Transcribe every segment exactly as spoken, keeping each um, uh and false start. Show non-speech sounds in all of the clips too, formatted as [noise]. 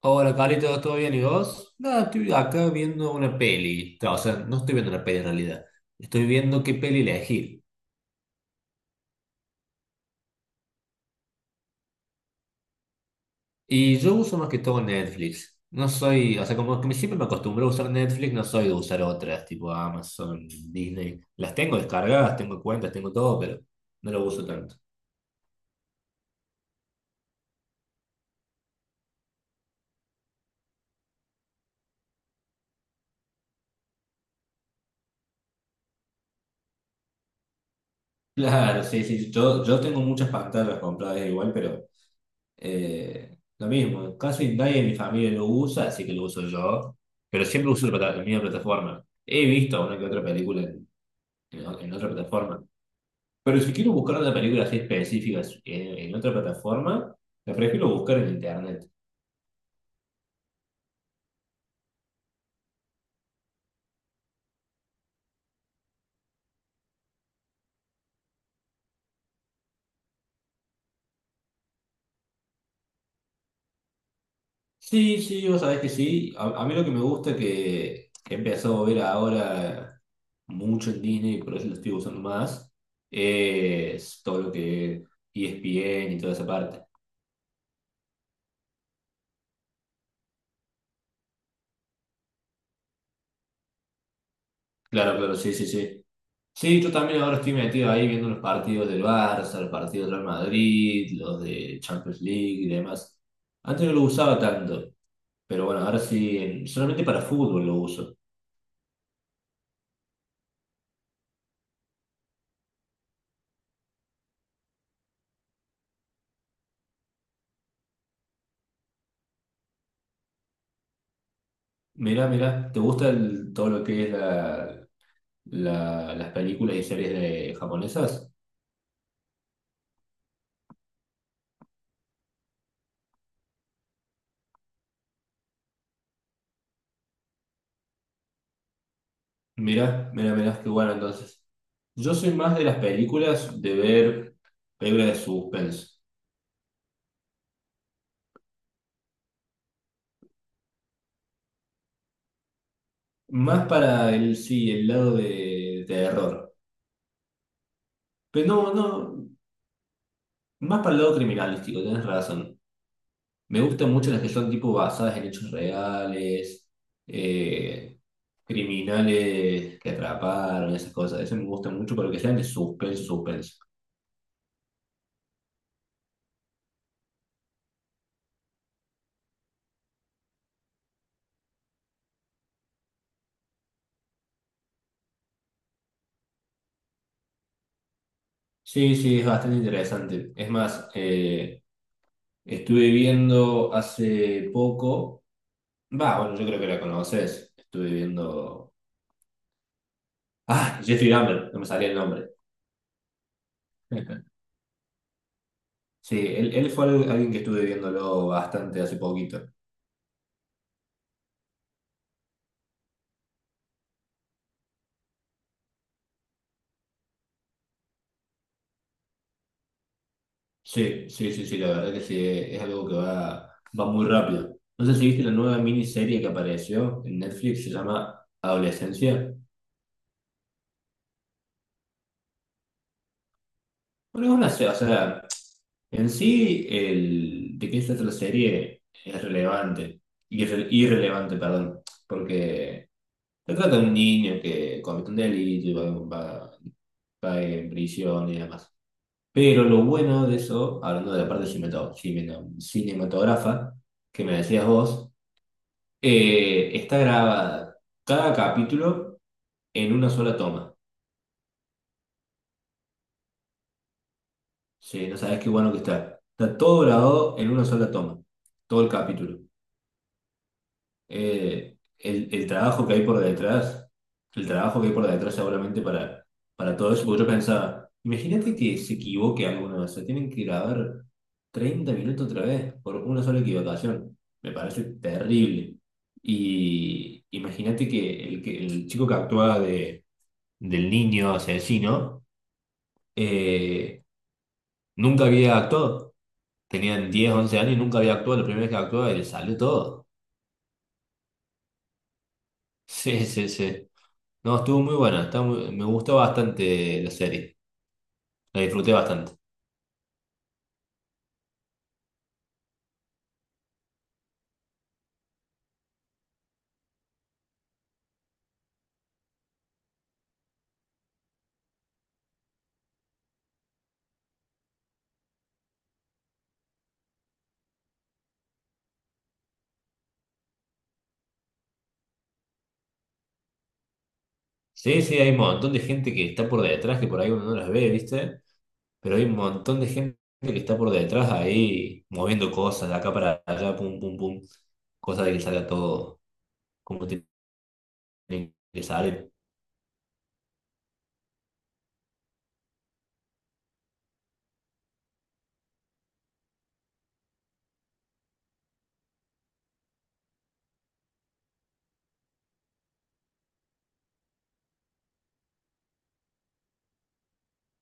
Hola, Carlitos, ¿todo bien? ¿Y vos? Nada, estoy acá viendo una peli. No, o sea, no estoy viendo una peli en realidad. Estoy viendo qué peli elegir. Y yo uso más que todo Netflix. No soy, o sea, como que me- siempre me acostumbro a usar Netflix, no soy de usar otras, tipo Amazon, Disney. Las tengo descargadas, tengo cuentas, tengo todo, pero no lo uso tanto. Claro, sí, sí. Yo, yo tengo muchas pantallas compradas igual, pero Eh, lo mismo, casi nadie en mi familia lo usa, así que lo uso yo, pero siempre uso la, plata- la misma plataforma. He visto una que otra película en, en o- en otra plataforma, pero si quiero buscar una película así específica en, en otra plataforma, la prefiero buscar en internet. Sí, sí, vos sabés que sí. A, a mí lo que me gusta que he empezado a ver ahora mucho en Disney, por eso lo estoy usando más, es todo lo que es E S P N y toda esa parte. Claro, claro, sí, sí, sí. Sí, yo también ahora estoy metido ahí viendo los partidos del Barça, los partidos del Real Madrid, los de Champions League y demás. Antes no lo usaba tanto, pero bueno, ahora sí, en- solamente para fútbol lo uso. Mirá, mirá, ¿te gusta el- todo lo que es la, la- las películas y series de japonesas? Mirá, mirá, mirá, qué bueno entonces. Yo soy más de las películas, de ver películas de suspense. Más para el, sí, el lado de, de terror. Pero no, no, más para el lado criminalístico, tienes razón. Me gustan mucho las que son tipo basadas en hechos reales, eh, criminales que atraparon, esas cosas. Eso me gusta mucho, pero que sean de suspenso, suspenso. Sí, sí, es bastante interesante. Es más, eh, estuve viendo hace poco, va, bueno, yo creo que la conoces. Estuve viendo... [laughs] Ah, Jeffrey Dahmer, no me salía el nombre. [laughs] Sí, él, él fue al- alguien que estuve viéndolo bastante hace poquito. Sí, sí, sí, sí, la verdad que sí, es algo que va, va muy rápido. No sé si viste la nueva miniserie que apareció en Netflix, se llama Adolescencia. Bueno, es una, se- o sea, en sí, el, de qué se trata la serie es relevante, irre- irrelevante, perdón, porque se trata de un niño que comete un delito y va, va- va en prisión y demás. Pero lo bueno de eso, hablando de la parte cinematográfica, que me decías vos, Eh, está grabada cada capítulo en una sola toma. Sí, no sabes qué bueno que está. Está todo grabado en una sola toma, todo el capítulo. Eh, el, el trabajo que hay por detrás, el trabajo que hay por detrás seguramente para, para todo eso, porque yo pensaba, imagínate que se equivoque alguno vez, se tienen que grabar treinta minutos otra vez por una sola equivocación. Me parece terrible. Y imagínate que el, que el chico que actúa de del niño asesino, eh, nunca había actuado. Tenían diez once años y nunca había actuado. La primera vez que actuó y le salió todo. [laughs] Sí, sí, sí. No, estuvo muy buena. está muy- me gustó bastante la serie. La disfruté bastante. Sí, sí, hay un montón de gente que está por detrás, que por ahí uno no las ve, ¿viste? Pero hay un montón de gente que está por detrás ahí moviendo cosas de acá para allá, pum, pum, pum. Cosa de que salga todo como tiene que salir.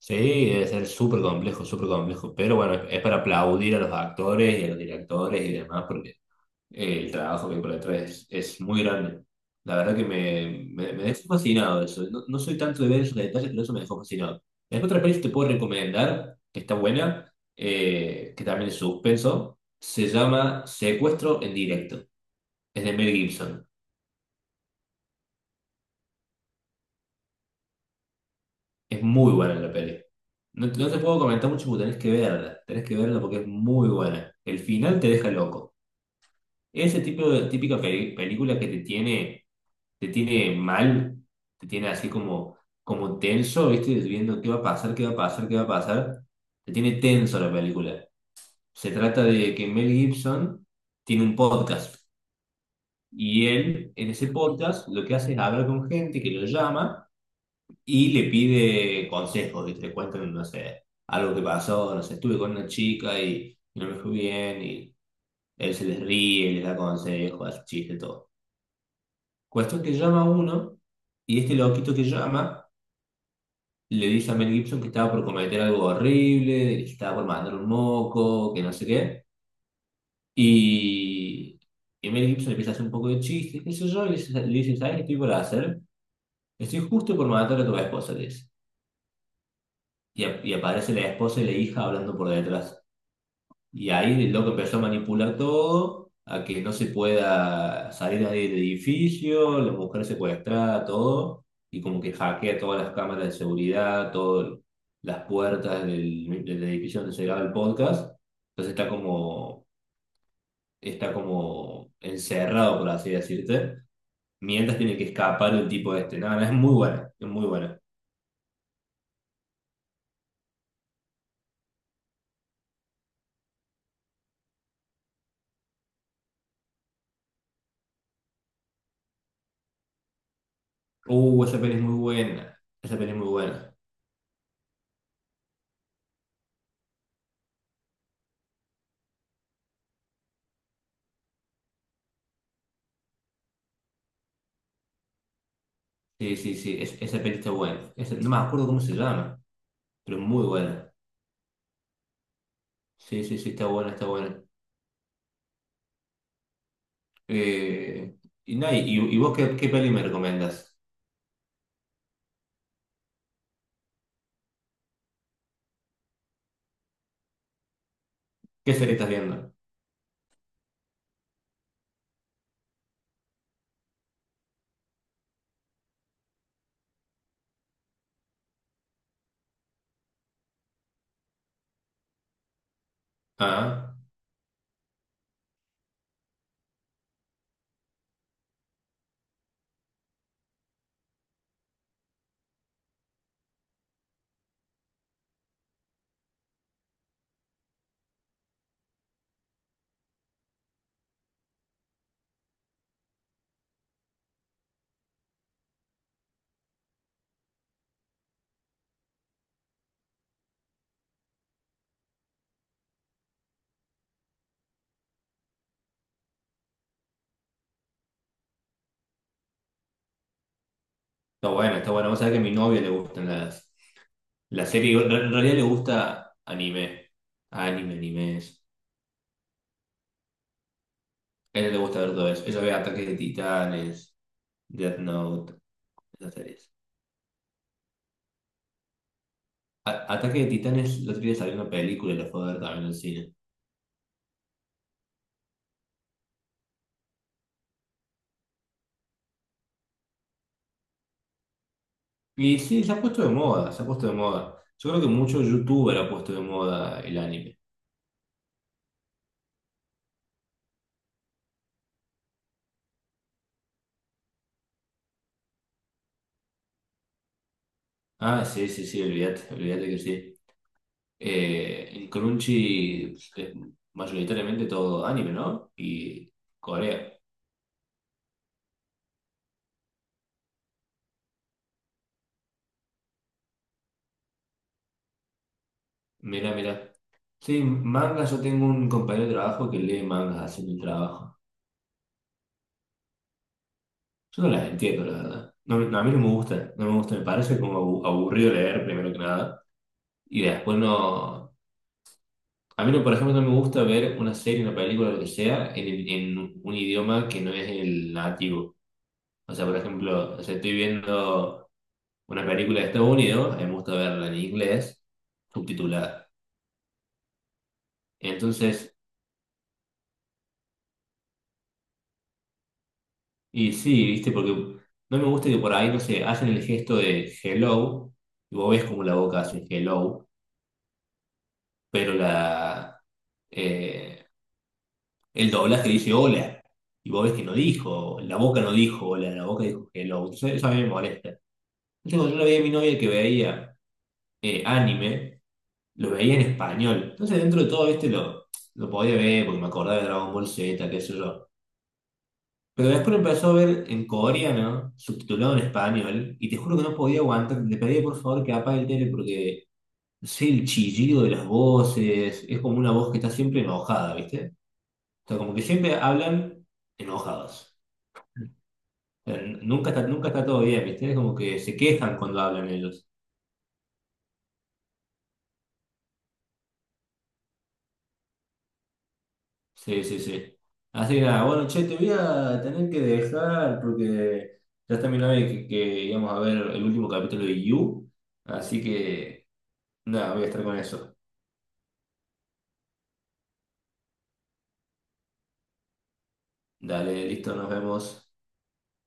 Sí, debe ser súper complejo, súper complejo. Pero bueno, es para aplaudir a los actores y a los directores y demás, porque eh, el trabajo que hay por detrás es, es muy grande. La verdad que me, me, me dejó fascinado eso. No, no soy tanto de ver esos detalles, pero eso me dejó fascinado. Después otra peli que te puedo recomendar, que está buena, eh, que también es suspenso, se llama Secuestro en directo. Es de Mel Gibson. Es muy buena la peli. No, no te puedo comentar mucho porque tenés que verla. Tenés que verla porque es muy buena. El final te deja loco. Ese tipo de típica peli- película que te tiene, te tiene mal, te tiene así como, como tenso, ¿viste? Viendo qué va a pasar, qué va a pasar, qué va a pasar. Te tiene tenso la película. Se trata de que Mel Gibson tiene un podcast. Y él, en ese podcast, lo que hace es hablar con gente que lo llama y le pide consejos, ¿viste? Le cuentan, no sé, algo que pasó, no sé, estuve con una chica y no me fue bien, y él se les ríe, les da consejos, hace chiste, todo. Cuestión que llama uno, y este loquito que llama le dice a Mel Gibson que estaba por cometer algo horrible, que estaba por mandar un moco, que no sé qué, y, y Mel Gibson empieza a hacer un poco de chiste, qué sé yo, y le dice, le dice, ¿sabes qué estoy por hacer? Estoy justo por matar a tu esposa, le dice. Y, ap- y aparece la esposa y la hija hablando por detrás. Y ahí el loco empezó a manipular todo, a que no se pueda salir nadie del edificio, la mujer secuestrada, todo, y como que hackea todas las cámaras de seguridad, todas las puertas del, del edificio donde se graba el podcast. Entonces está como, está como encerrado, por así decirte, mientras tiene que escapar el tipo este. Nada, es muy buena, es muy buena. Uh, esa peli es muy buena, esa peli es muy buena. Sí, sí, sí, es- esa peli está buena. Esa- no me acuerdo cómo se llama. Pero muy buena. Sí, sí, sí, está buena, está buena. Eh, y, nada, y, y vos qué, qué peli me recomendás? ¿Qué serie estás viendo? Ah, está buena, está buena. Vos sabés que a mi novia le gustan las, las series. En realidad le gusta anime. Anime, animes. A ella le gusta ver todo eso. Ella ve Ataque de Titanes, Death Note, esas series. A- Ataque de Titanes, el otro día salió una película y la fue a ver también en el cine. Y sí, se ha puesto de moda, se ha puesto de moda. Yo creo que mucho youtuber ha puesto de moda el anime. Ah, sí, sí, sí, olvídate, olvídate que sí. Eh, en Crunchy pues, es mayoritariamente todo anime, ¿no? Y Corea. Mira, mira. Sí, mangas, yo tengo un compañero de trabajo que lee mangas haciendo el trabajo. Yo no las entiendo, la verdad. No, no, a mí no me gusta, no me gusta, me parece como abu- aburrido leer primero que nada. Y después no... A mí, no, por ejemplo, no me gusta ver una serie, una película, lo que sea, en, el- en un idioma que no es el nativo. O sea, por ejemplo, o sea, estoy viendo... una película de Estados Unidos, a mí me gusta verla en inglés, subtitulada. Entonces, y sí, viste, porque no me gusta que por ahí, no sé, hacen el gesto de hello, y vos ves como la boca hace hello, pero la, eh, el doblaje dice hola, y vos ves que no dijo, la boca no dijo hola, la boca dijo hello. Entonces, eso a mí me molesta. Entonces, cuando yo la veía a mi novia que veía eh, anime, lo veía en español. Entonces, dentro de todo, viste, lo, lo podía ver porque me acordaba de Dragon Ball zeta, qué sé yo. Pero después empezó a ver en coreano, subtitulado en español, y te juro que no podía aguantar. Le pedí por favor que apague el tele porque sé el chillido de las voces, es como una voz que está siempre enojada, ¿viste? O sea, como que siempre hablan enojados. O sea, n- nunca está, nunca está todo bien, ¿viste? Es como que se quejan cuando hablan ellos. Sí, sí, sí. Así que nada, bueno, che, te voy a tener que dejar porque ya está mi novia que, que íbamos a ver el último capítulo de You, así que nada, voy a estar con eso. Dale, listo, nos vemos.